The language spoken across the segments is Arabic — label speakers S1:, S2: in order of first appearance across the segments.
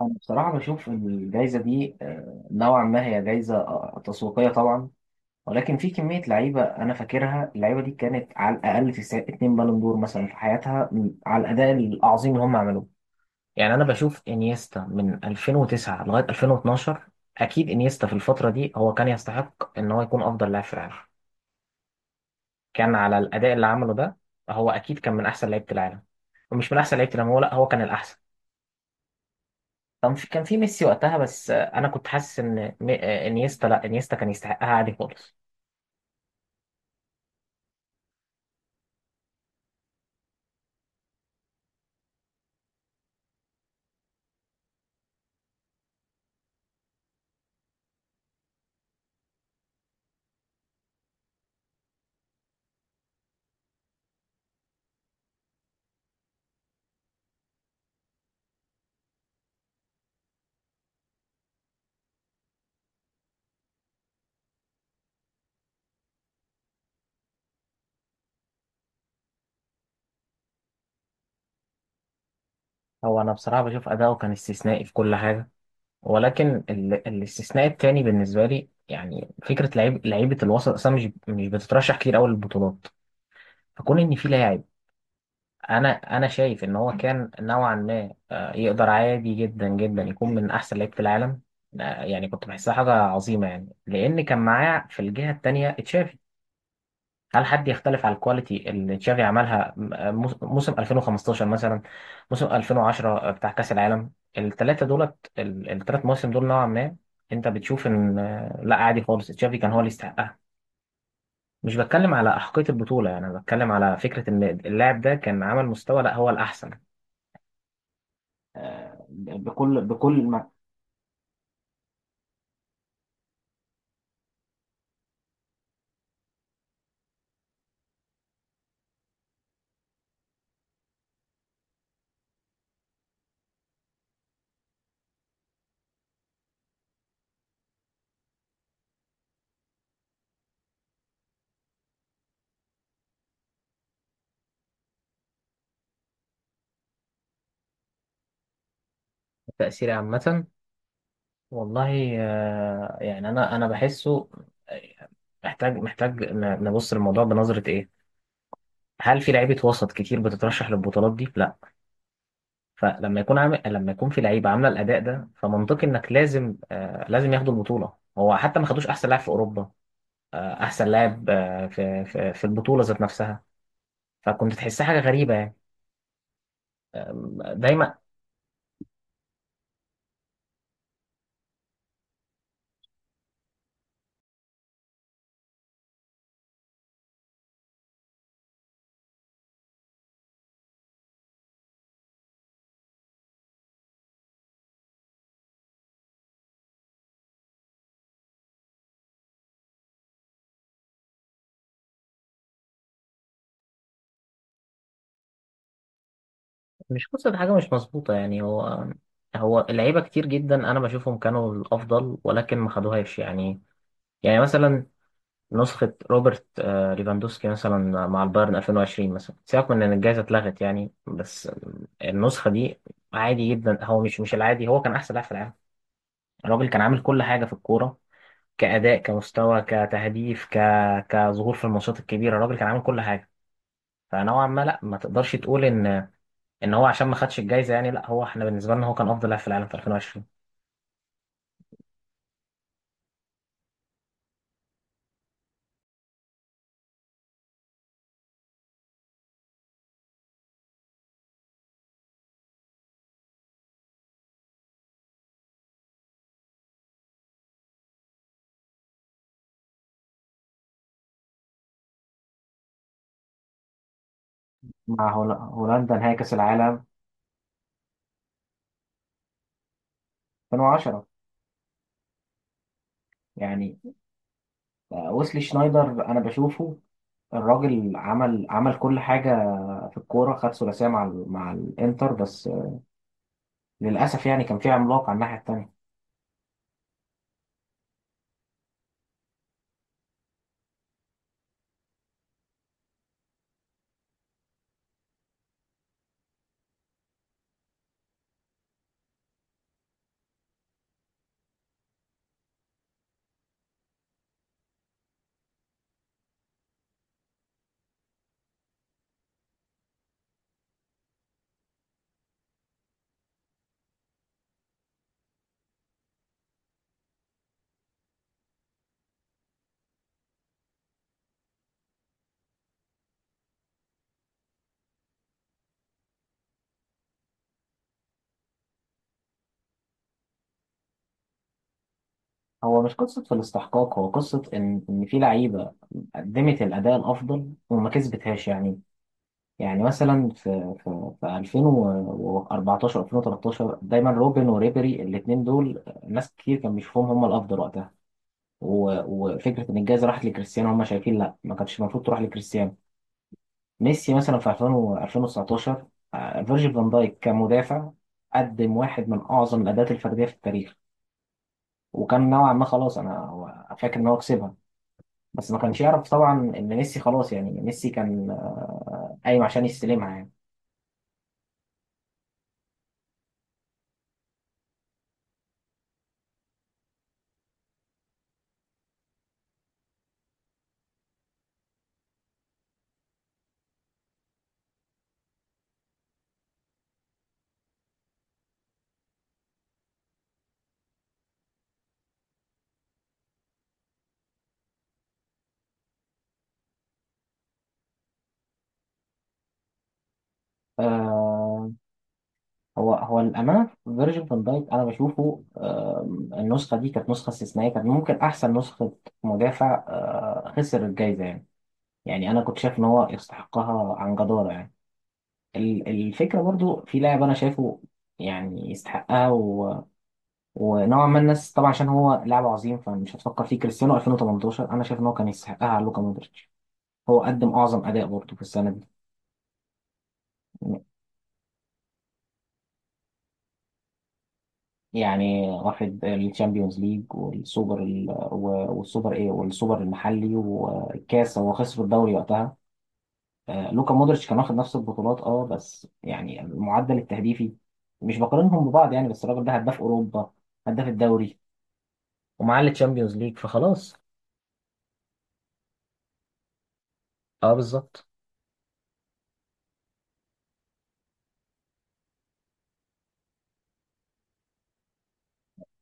S1: أنا بصراحة بشوف إن الجايزة دي نوعا ما هي جايزة تسويقية طبعا، ولكن في كمية لعيبة أنا فاكرها اللعيبة دي كانت على الأقل في اتنين بالون دور مثلا في حياتها على الأداء العظيم اللي هم عملوه. يعني أنا بشوف إنيستا من 2009 لغاية 2012. أكيد إنيستا في الفترة دي هو كان يستحق إن هو يكون أفضل لاعب في العالم. كان على الأداء اللي عمله ده هو أكيد كان من أحسن لعيبة العالم، ومش من أحسن لعيبة العالم، هو لا هو كان الأحسن. كان في كان في ميسي وقتها بس انا كنت حاسس ان انيستا، لا انيستا كان يستحقها عادي خالص. هو انا بصراحه بشوف اداؤه كان استثنائي في كل حاجه، ولكن الاستثناء التاني بالنسبه لي، يعني فكره لعيبه الوسط اصلا مش بتترشح كتير قوي للبطولات. فكون ان في لاعب، انا انا شايف ان هو كان نوعا ما يقدر عادي جدا جدا يكون من احسن لعيب في العالم. يعني كنت بحسها حاجه عظيمه، يعني لان كان معاه في الجهه التانيه تشافي. هل حد يختلف على الكواليتي اللي تشافي عملها موسم 2015 مثلا؟ موسم 2010 بتاع كأس العالم، الثلاثة دولت الثلاث مواسم دول نوعا ما انت بتشوف ان لا عادي خالص تشافي كان هو اللي يستحقها. مش بتكلم على أحقية البطولة، يعني أنا بتكلم على فكرة ان اللاعب ده كان عمل مستوى لا هو الأحسن بكل ما. التأثير عامة، والله يعني أنا بحسه. آه، محتاج نبص للموضوع بنظرة إيه. هل في لعيبه وسط كتير بتترشح للبطولات دي؟ لا. فلما يكون لما يكون في لعيبه عامله الاداء ده، فمنطقي انك لازم آه لازم ياخدوا البطوله. هو حتى ما خدوش احسن لاعب في اوروبا، آه احسن لاعب آه في في البطوله ذات نفسها. فكنت تحسها حاجه غريبه يعني. دايما مش قصه حاجه مش مظبوطه يعني. هو اللعيبه كتير جدا انا بشوفهم كانوا الافضل، ولكن ما خدوهاش يعني. يعني مثلا نسخة روبرت ليفاندوسكي مثلا مع البايرن 2020 مثلا، سيبك من إن الجائزة اتلغت يعني، بس النسخة دي عادي جدا، هو مش العادي، هو كان أحسن لاعب في العالم. الراجل كان عامل كل حاجة في الكورة، كأداء كمستوى كتهديف كظهور في الماتشات الكبيرة، الراجل كان عامل كل حاجة. فنوعا ما لا ما تقدرش تقول إن إن هو عشان ما خدش الجائزة يعني لا، هو إحنا بالنسبة لنا هو كان أفضل لاعب في العالم في 2020. مع هولندا نهائي كأس العالم 2010. يعني ويسلي شنايدر انا بشوفه، الراجل عمل كل حاجه في الكوره، خد ثلاثيه مع مع الانتر، بس للاسف يعني كان في عملاق على الناحيه التانيه. هو مش قصه في الاستحقاق، هو قصه ان ان في لعيبه قدمت الاداء الافضل وما كسبتهاش يعني. يعني مثلا في 2014، 2013 دايما روبن وريبيري الاثنين دول ناس كتير كان بيشوفهم هم الافضل وقتها. وفكره ان الجائزه راحت لكريستيانو، هم شايفين لا ما كانتش المفروض تروح لكريستيانو. ميسي مثلا في 2000 و 2019 فيرجيل فان دايك كمدافع قدم واحد من اعظم الاداءات الفرديه في التاريخ، وكان نوعا ما خلاص فاكر ان هو كسبها، بس ما كانش يعرف طبعا ان ميسي خلاص يعني ميسي كان قايم عشان يستلمها يعني. آه، هو هو الامانه فيرجيل فان دايك انا بشوفه آه، النسخه دي كانت نسخه استثنائيه، كانت ممكن احسن نسخه مدافع آه خسر الجائزه يعني. يعني انا كنت شايف ان هو يستحقها عن جداره يعني. الفكرة برضو في لاعب أنا شايفه يعني يستحقها ونوعا ما الناس طبعا عشان هو لاعب عظيم فمش هتفكر فيه، كريستيانو 2018 أنا شايف إن هو كان يستحقها على لوكا مودريتش. هو قدم أعظم أداء برضو في السنة دي، يعني واخد الشامبيونز ليج والسوبر والسوبر إيه والسوبر المحلي والكاس، هو خسر الدوري وقتها. لوكا مودريتش كان واخد نفس البطولات أه، بس يعني المعدل التهديفي مش بقارنهم ببعض يعني، بس الراجل ده هداف أوروبا، هداف الدوري، ومعاه التشامبيونز ليج فخلاص. اه بالظبط.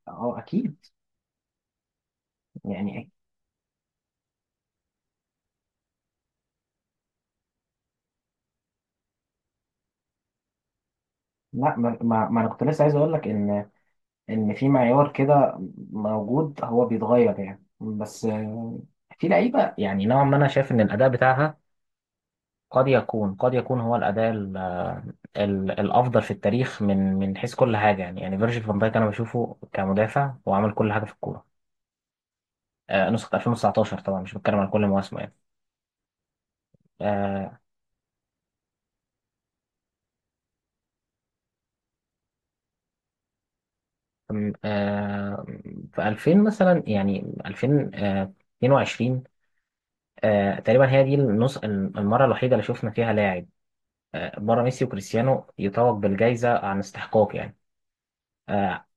S1: اه اكيد. يعني إيه؟ لا، ما انا كنت لسه عايز اقول لك ان ان في معيار كده موجود هو بيتغير يعني، بس في لعيبه يعني نوعا ما انا شايف ان الاداء بتاعها قد يكون هو الاداء ال ال الافضل في التاريخ من حيث كل حاجه يعني. يعني فيرجيل فان دايك انا بشوفه كمدافع وعمل كل حاجه في الكوره آه، نسخه 2019 طبعا مش بتكلم على كل مواسمه يعني. آه، أم- آه، في 2000 مثلا يعني 2022 تقريبا هي دي النص المرة الوحيدة اللي شفنا فيها لاعب بره ميسي وكريستيانو يتوج بالجائزة عن استحقاق يعني. آه،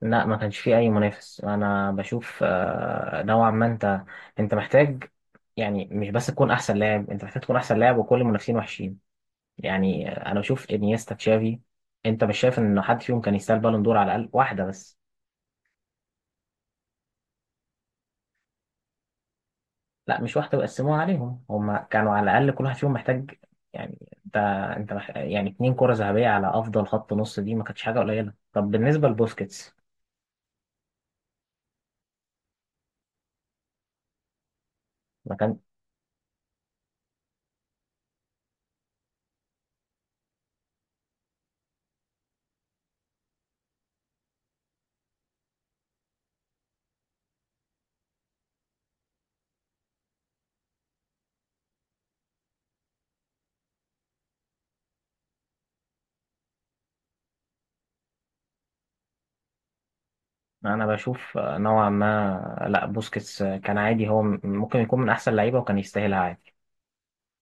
S1: لا ما كانش فيه أي منافس. أنا بشوف نوعا ما أنت، أنت محتاج، يعني مش بس تكون أحسن لاعب، أنت محتاج تكون أحسن لاعب وكل المنافسين وحشين يعني. أنا بشوف إنيستا تشافي، أنت مش شايف إن حد فيهم كان يستاهل بالون دور على الأقل واحدة بس؟ لا مش واحدة وقسموها عليهم، هما كانوا على الأقل كل واحد فيهم محتاج يعني. انت انت يعني اتنين كرة ذهبية على أفضل خط نص دي ما كانتش حاجة قليلة. طب بالنسبة لبوسكيتس، ما كان أنا بشوف نوعا ما لا بوسكيتس كان عادي، هو ممكن يكون من أحسن لعيبة وكان يستاهلها عادي.